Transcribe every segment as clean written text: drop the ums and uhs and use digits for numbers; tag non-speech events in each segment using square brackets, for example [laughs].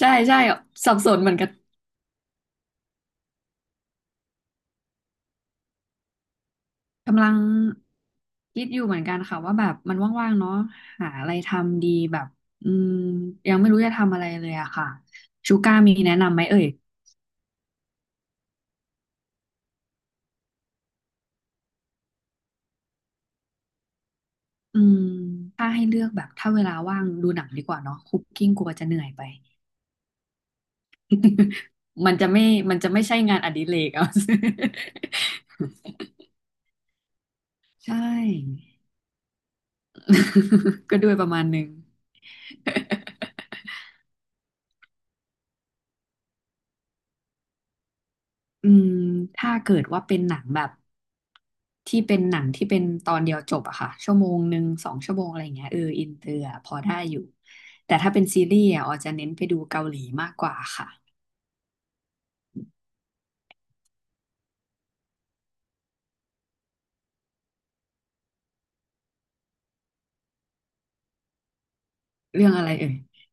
ใช่ใช่สับสนเหมือนกันกำลังคิดอยู่เหมือนกันค่ะว่าแบบมันว่างๆเนาะหาอะไรทำดีแบบอืมยังไม่รู้จะทำอะไรเลยอะค่ะชูก้ามีแนะนำไหมเอ่ยอืมถ้าให้เลือกแบบถ้าเวลาว่างดูหนังดีกว่าเนาะคุกกิ้งกลัวจะเหนื่อยไปมันจะไม่มันจะไม่ใช่งานอดิเรกเอา [laughs] ใช่ [laughs] ก็ด้วยประมาณนึง [laughs] อืมถ้าเกิดว่าเป็นหนังแบบ ที่เป็นหนังที่เป็นตอนเดียวจบอะค่ะชั่วโมงหนึ่งสองชั่วโมงอะไรอย่างเงี้ยเอออินเตอร์อะพอได้อยู่แต่ถ้าเป็นซีรีส์อะออจะเน้นไปดูเกาหลีมากกว่าค่ะเรื่องอะไรเอ่ย [laughs]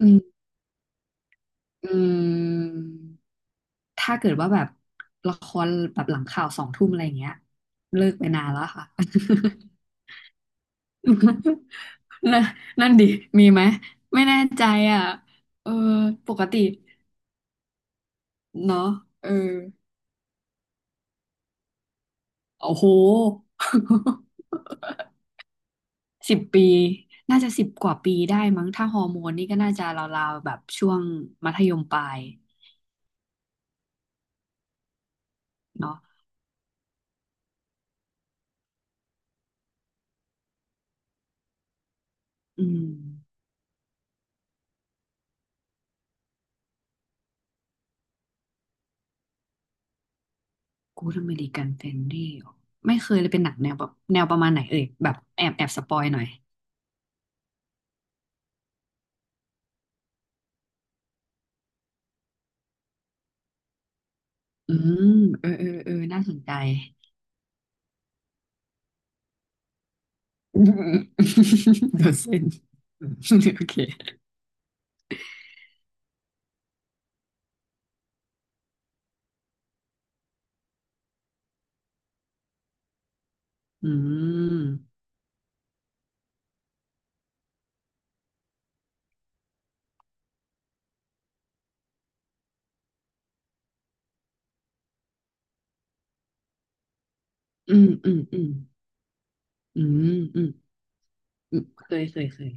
อืมอืมถ้าเกิดว่าแบบละครแบบหลังข่าวสองทุ่มอะไรอย่างเงี้ยเลิกไปนานแล้วค่ะ [laughs] นั่นนั่นดิมีไหมไม่แน่ใจอ่ะเออปกติเนาะเออโอ้โห สิบปีน่าจะสิบกว่าปีได้มั้งถ้าฮอร์โมนนี่ก็น่าจะราวๆแบบช่วงมัธยมปลายเนาะอืมกูดอเมริกันเฟรนดี้ไม่เคยเลยเป็นหนังแนวแบบแนวประมาณไหนเอ่ยแบบแอบแอบสปอยหน่อยอืมเออเออเออน่าสนใจ [laughs] อืมเดี๋ยวเซนอืมโอเคอืมอืมอืมอืมอืมอืมอืมเคยเคยเคย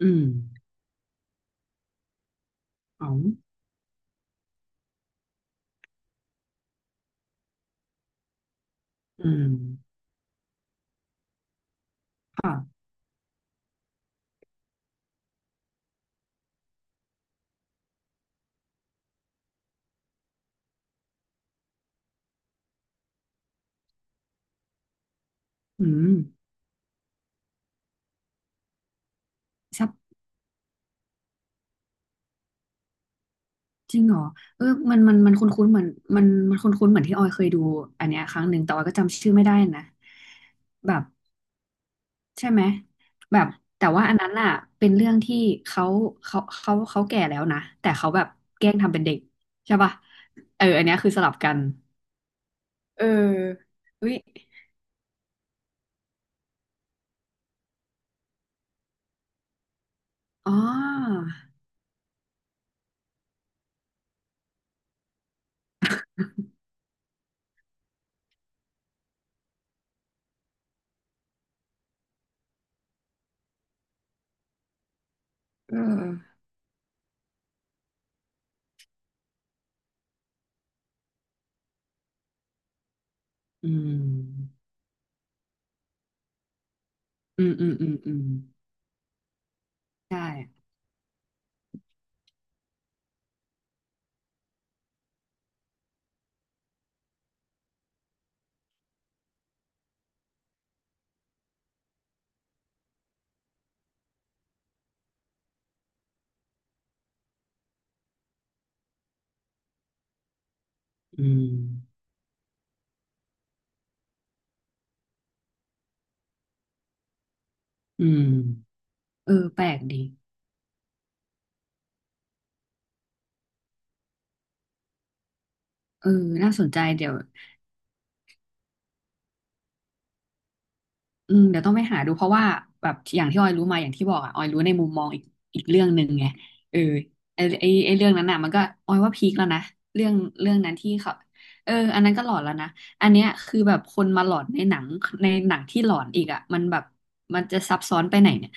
อืมอ๋ออืมค่ะอืมซับ จริงเหรอเออมันคุ้นๆเหมือนมันคุ้นๆเหมือนที่ออยเคยดูอันเนี้ยครั้งหนึ่งแต่ออยก็จำชื่อไม่ได้นะแบบใช่ไหมแบบแต่ว่าอันนั้นอ่ะเป็นเรื่องที่เขาเขาแก่แล้วนะแต่เขาแบบแกล้งทำเป็นเด็กใช่ป่ะเอออันเนี้ยคือสลับกันเอออุ๊ยอ๋อเอออืมอืมอืมอืมอืมใช่อืมอืมเออแปลกดีเออน่าสนใจเดี๋ยว เดี๋ยวต้องไปหาดูเพราะว่าแบบอย่างที่ออยรู้มาอย่างที่บอกอ่ะออยรู้ในมุมมองอีกอีกเรื่องหนึ่งไงเออไอไอไอเรื่องนั้นน่ะมันก็ออยว่าพีคแล้วนะเรื่องเรื่องนั้นที่เขาเอออันนั้นก็หลอนแล้วนะอันเนี้ยคือแบบคนมาหลอนในหนังในหนังที่หลอนอีกอ่ะมันแบบมันจะซับซ้อนไปไหนเนี่ย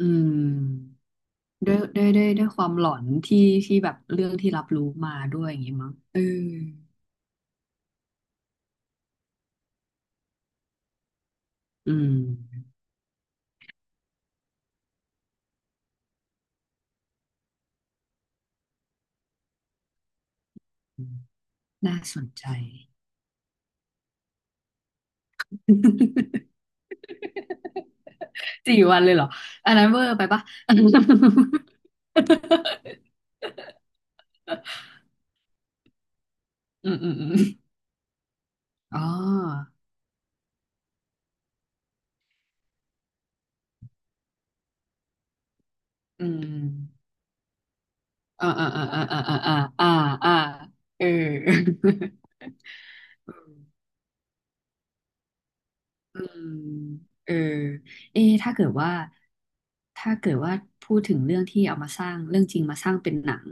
อืมด้วยความหลอนที่ที่แบบเรื่องที่รับรู้มาด้วยอย่างงี้มั้งเอออืมน่าสนใจ [laughs] สี่วันเลยเหรออันนั้นเวอร์ไปปะ [laughs] อืมอืมอืมอ๋ออืมอ่าอ่าอ่าอ่าอ่าอ่าอ่าอ่าเอออืมเออเอะถ้าเกิดว่าถ้าเกิดว่าพูดถึงเรื่องที่เอามาสร้างเรื่องจริงมาสร้างเป็นหนัง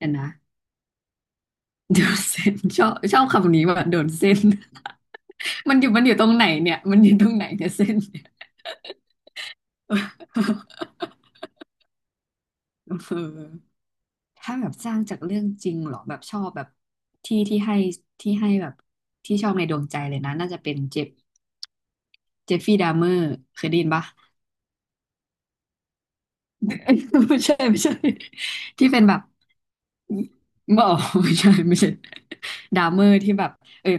กันนะโดนเส้นชอบชอบคำนี้ว่าโดนเส้นมันอยู่ตรงไหนเนี่ยมันอยู่ตรงไหนเนี่ยเส้นเนี่ยเออ ถ้าแบบสร้างจากเรื่องจริงเหรอแบบชอบแบบที่ให้แบบที่ชอบในดวงใจเลยนะน่าจะเป็นเจฟเจฟฟี่ดาเมอร์เคยได้ยินปะ [laughs] ไม่ใช่ที่เป็นแบบบอไม่ใช่ดาเมอร์ที่แบบเออ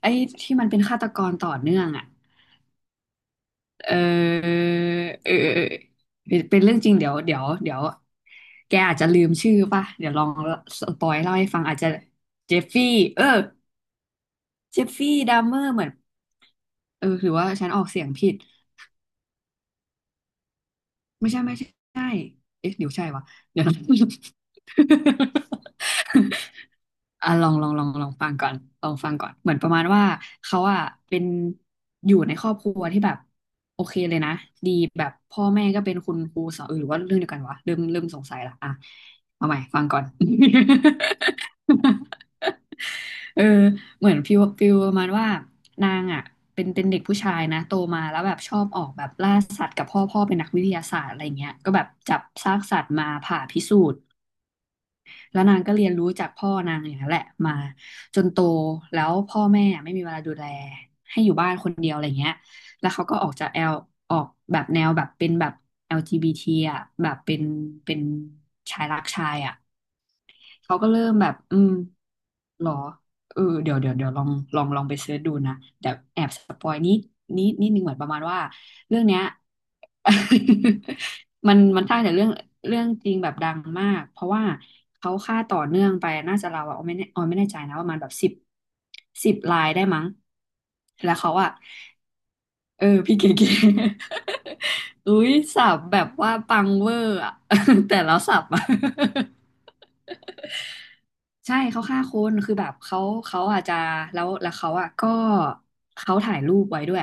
ไอ้ที่มันเป็นฆาตกรต่อเนื่องอ่ะเออเออเป็นเป็นเรื่องจริงเดี๋ยวแกอาจจะลืมชื่อป่ะเดี๋ยวลองสปอยเล่าให้ฟังอาจจะเจฟฟี่เออ เจฟฟี่ดัมเมอร์เหมือนเออหรือว่าฉันออกเสียงผิดไม่ใช่ใช่เอ๊ะเดี๋ยวใช่วะ [laughs] เดี๋ยวนะ [laughs] อ่ะลองฟังก่อนลองฟังก่อนเหมือนประมาณว่าเขาอ่ะเป็นอยู่ในครอบครัวที่แบบโอเคเลยนะดีแบบพ่อแม่ก็เป็นคุณครูสอนเออหรือว่าเรื่องเดียวกันวะเริ่มสงสัยละอ่ะเอาใหม่ฟังก่อน [laughs] เออเหมือนฟิลประมาณว่านางอ่ะเป็นเป็นเด็กผู้ชายนะโตมาแล้วแบบชอบออกแบบล่าสัตว์กับพ่อพ่อเป็นนักวิทยาศาสตร์อะไรเงี้ยก็แบบจับซากสัตว์มาผ่าพิสูจน์แล้วนางก็เรียนรู้จากพ่อนางอย่างนั้นแหละมาจนโตแล้วพ่อแม่ไม่มีเวลาดูแลให้อยู่บ้านคนเดียวอะไรเงี้ยแล้วเขาก็ออกจากแอลออกแบบแนวแบบเป็นแบบ LGBT อลจีบีทีอ่ะแบบเป็นเป็นชายรักชายอ่ะ เขาก็เริ่มแบบหรอเออเดี๋ยวลองลองไปเสิร์ชดูนะเดี๋ยวแอบสปอยนิดนึงเหมือนประมาณว่าเรื่องเนี้ย [laughs] มันสร้างแต่เรื่องจริงแบบดังมากเพราะว่าเขาฆ่าต่อเนื่องไปน่าจะเราวอะออยไม่แน่ใจนะประมาณแบบสิบลายได้มั้งแล้วเขาอะเออพี่เก๋ๆ [laughs] อุ้ยสับแบบว่าปังเวอร์อะ [laughs] แต่แล้วสับอะ ใช่เขาฆ่าคนคือแบบเขาอาจจะแล้วเขาอ่ะก็เขาถ่ายรูปไว้ด้วย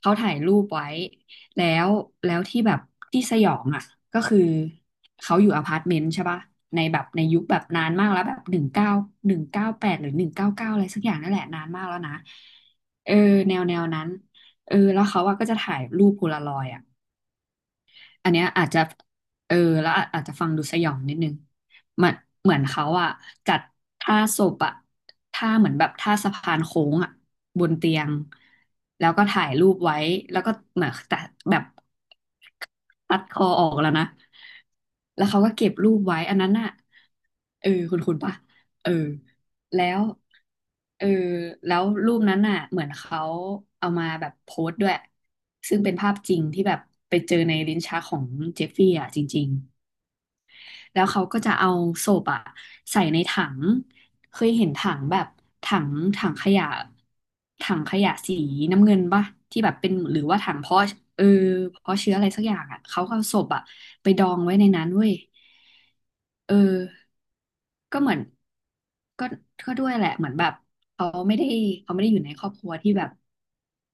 เขาถ่ายรูปไว้แล้วแล้วที่แบบที่สยองอ่ะก็คือเขาอยู่อพาร์ตเมนต์ใช่ปะในแบบในยุคแบบนานมากแล้วแบบหนึ่งเก้าหนึ่งเก้าแปดหรือหนึ่งเก้าเก้าอะไรสักอย่างนั่นแหละนานมากแล้วนะเออแนวนั้นเออแล้วเขาอ่ะก็จะถ่ายรูปโพลารอยด์อ่ะ อันเนี้ยอาจจะเออแล้วอาจจะฟังดูสยองนิดนึงมันเหมือนเขาอะจัดท่าศพอะท่าเหมือนแบบท่าสะพานโค้งอะบนเตียงแล้วก็ถ่ายรูปไว้แล้วก็เหมือนแต่แบบ ตัดคอออกแล้วนะ แล้วเขาก็เก็บรูปไว้ อันนั้นน่ะเออคุณปะเออ แล้วเออแล้วรูปนั้นน่ะ เหมือนเขาเอามาแบบโพสต์ด้วย ซึ่งเป็นภาพจริงที่แบบไปเจอในลิ้นชักของเจฟฟี่อ่ะจริง แล้วเขาก็จะเอาศพอะใส่ในถังเคยเห็นถังแบบถังถังขยะถังขยะสีน้ำเงินปะที่แบบเป็นหรือว่าถังเพาะเออเพาะเชื้ออะไรสักอย่างอะเขาก็เอาศพอะไปดองไว้ในนั้นเว้ยเออก็เหมือนก็ก็ด้วยแหละเหมือนแบบเขาไม่ได้เขาไม่ได้อยู่ในครอบครัวที่แบบ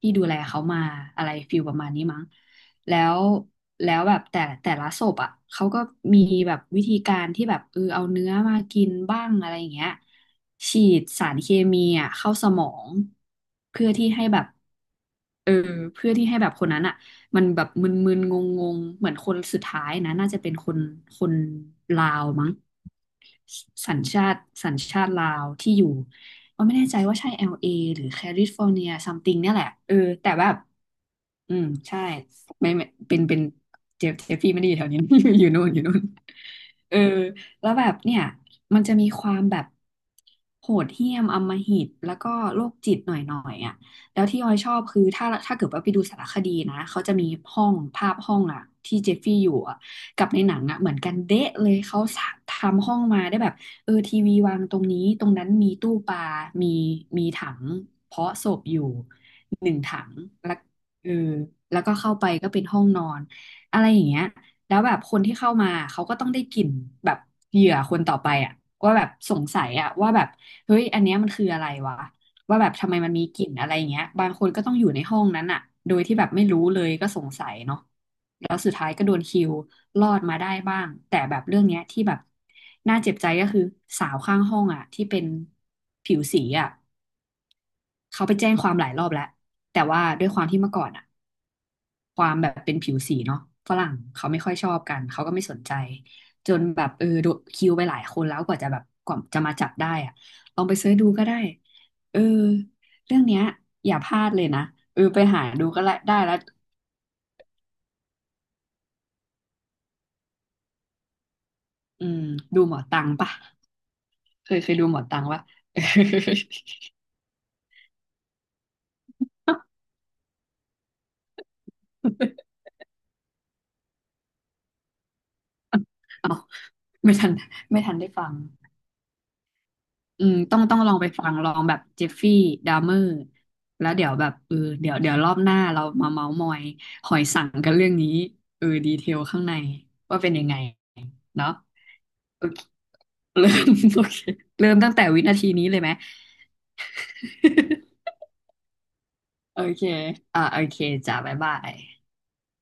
ที่ดูแลเขามาอะไรฟิลประมาณนี้มั้ง แล้วแล้วแบบแต่แต่ละศพอ่ะเขาก็มีแบบวิธีการที่แบบเออเอาเนื้อมากินบ้างอะไรอย่างเงี้ยฉีดสารเคมีอ่ะเข้าสมองเพื่อที่ให้แบบเออเพื่อที่ให้แบบคนนั้นอ่ะมันแบบมึนๆงงๆเหมือนคนสุดท้ายนะน่าจะเป็นคนลาวมั้งสัญชาติลาวที่อยู่ก็ไม่แน่ใจว่าใช่ LA หรือแคลิฟอร์เนียซัมติงเนี่ยแหละเออแต่แบบ อืมใช่ไม่เป็นเจฟฟี่ไม่ได้อยู่แถวนี้ [laughs] อยู่นู่นเออแล้วแบบเนี่ยมันจะมีความแบบโหดเหี้ยมอำมหิตแล้วก็โรคจิตหน่อยอ่ะแล้วที่ออยชอบคือถ้าเกิดว่าไปดูสารคดีนะเขาจะมีห้องอ่ะที่เจฟฟี่อยู่อ่ะกับในหนังอ่ะเหมือนกันเดะเลยเขาทำห้องมาได้แบบเออทีวีวางตรงนี้ตรงนั้นมีตู้ปลามีมีถังเพาะศพอยู่หนึ่งถัง เออแล้วก็เข้าไปก็เป็นห้องนอนอะไรอย่างเงี้ยแล้วแบบคนที่เข้ามาเขาก็ต้องได้กลิ่นแบบเหยื่อคนต่อไปอะว่าแบบสงสัยอะว่าแบบเฮ้ยอันเนี้ยมันคืออะไรวะว่าแบบทำไมมันมีกลิ่นอะไรอย่างเงี้ยบางคนก็ต้องอยู่ในห้องนั้นอะโดยที่แบบไม่รู้เลยก็สงสัยเนาะแล้วสุดท้ายก็โดนคิวรอดมาได้บ้างแต่แบบเรื่องเนี้ยที่แบบน่าเจ็บใจก็คือสาวข้างห้องอะที่เป็นผิวสีอะเขาไปแจ้งความหลายรอบแล้วแต่ว่าด้วยความที่เมื่อก่อนอะ ความแบบเป็นผิวสีเนาะฝรั่งเขาไม่ค่อยชอบกันเขาก็ไม่สนใจจนแบบเออโดนคิวไปหลายคนแล้วกว่าจะแบบกว่าจะมาจับได้อะลองไปเสิร์ชดูก็ได้เออเรื่องเนี้ยอย่าพลาดเลยนะเออไปหาดูก็ละได้แล้วอืมดูหมอตังปะเคยดูหมอตังปะ [laughs] เอาไม่ทันไม่ทันได้ฟัง อืมต้องลองไปฟัง ลองแบบเจฟฟี่ ดาเมอร์แล้วเดี๋ยวแบบเออเดี๋ยวรอบหน้าเรามาเมาส์มอยหอยสังกันเรื่องนี้เออดีเทลข้างใน ว่าเป็นยังไง เนาะโอเคเริ่ม [laughs] โอเคเริ่มตั้งแต่วินาทีนี้เลยไหม [laughs] โอเค อ่าโอเคจ้าบ๊ายบาย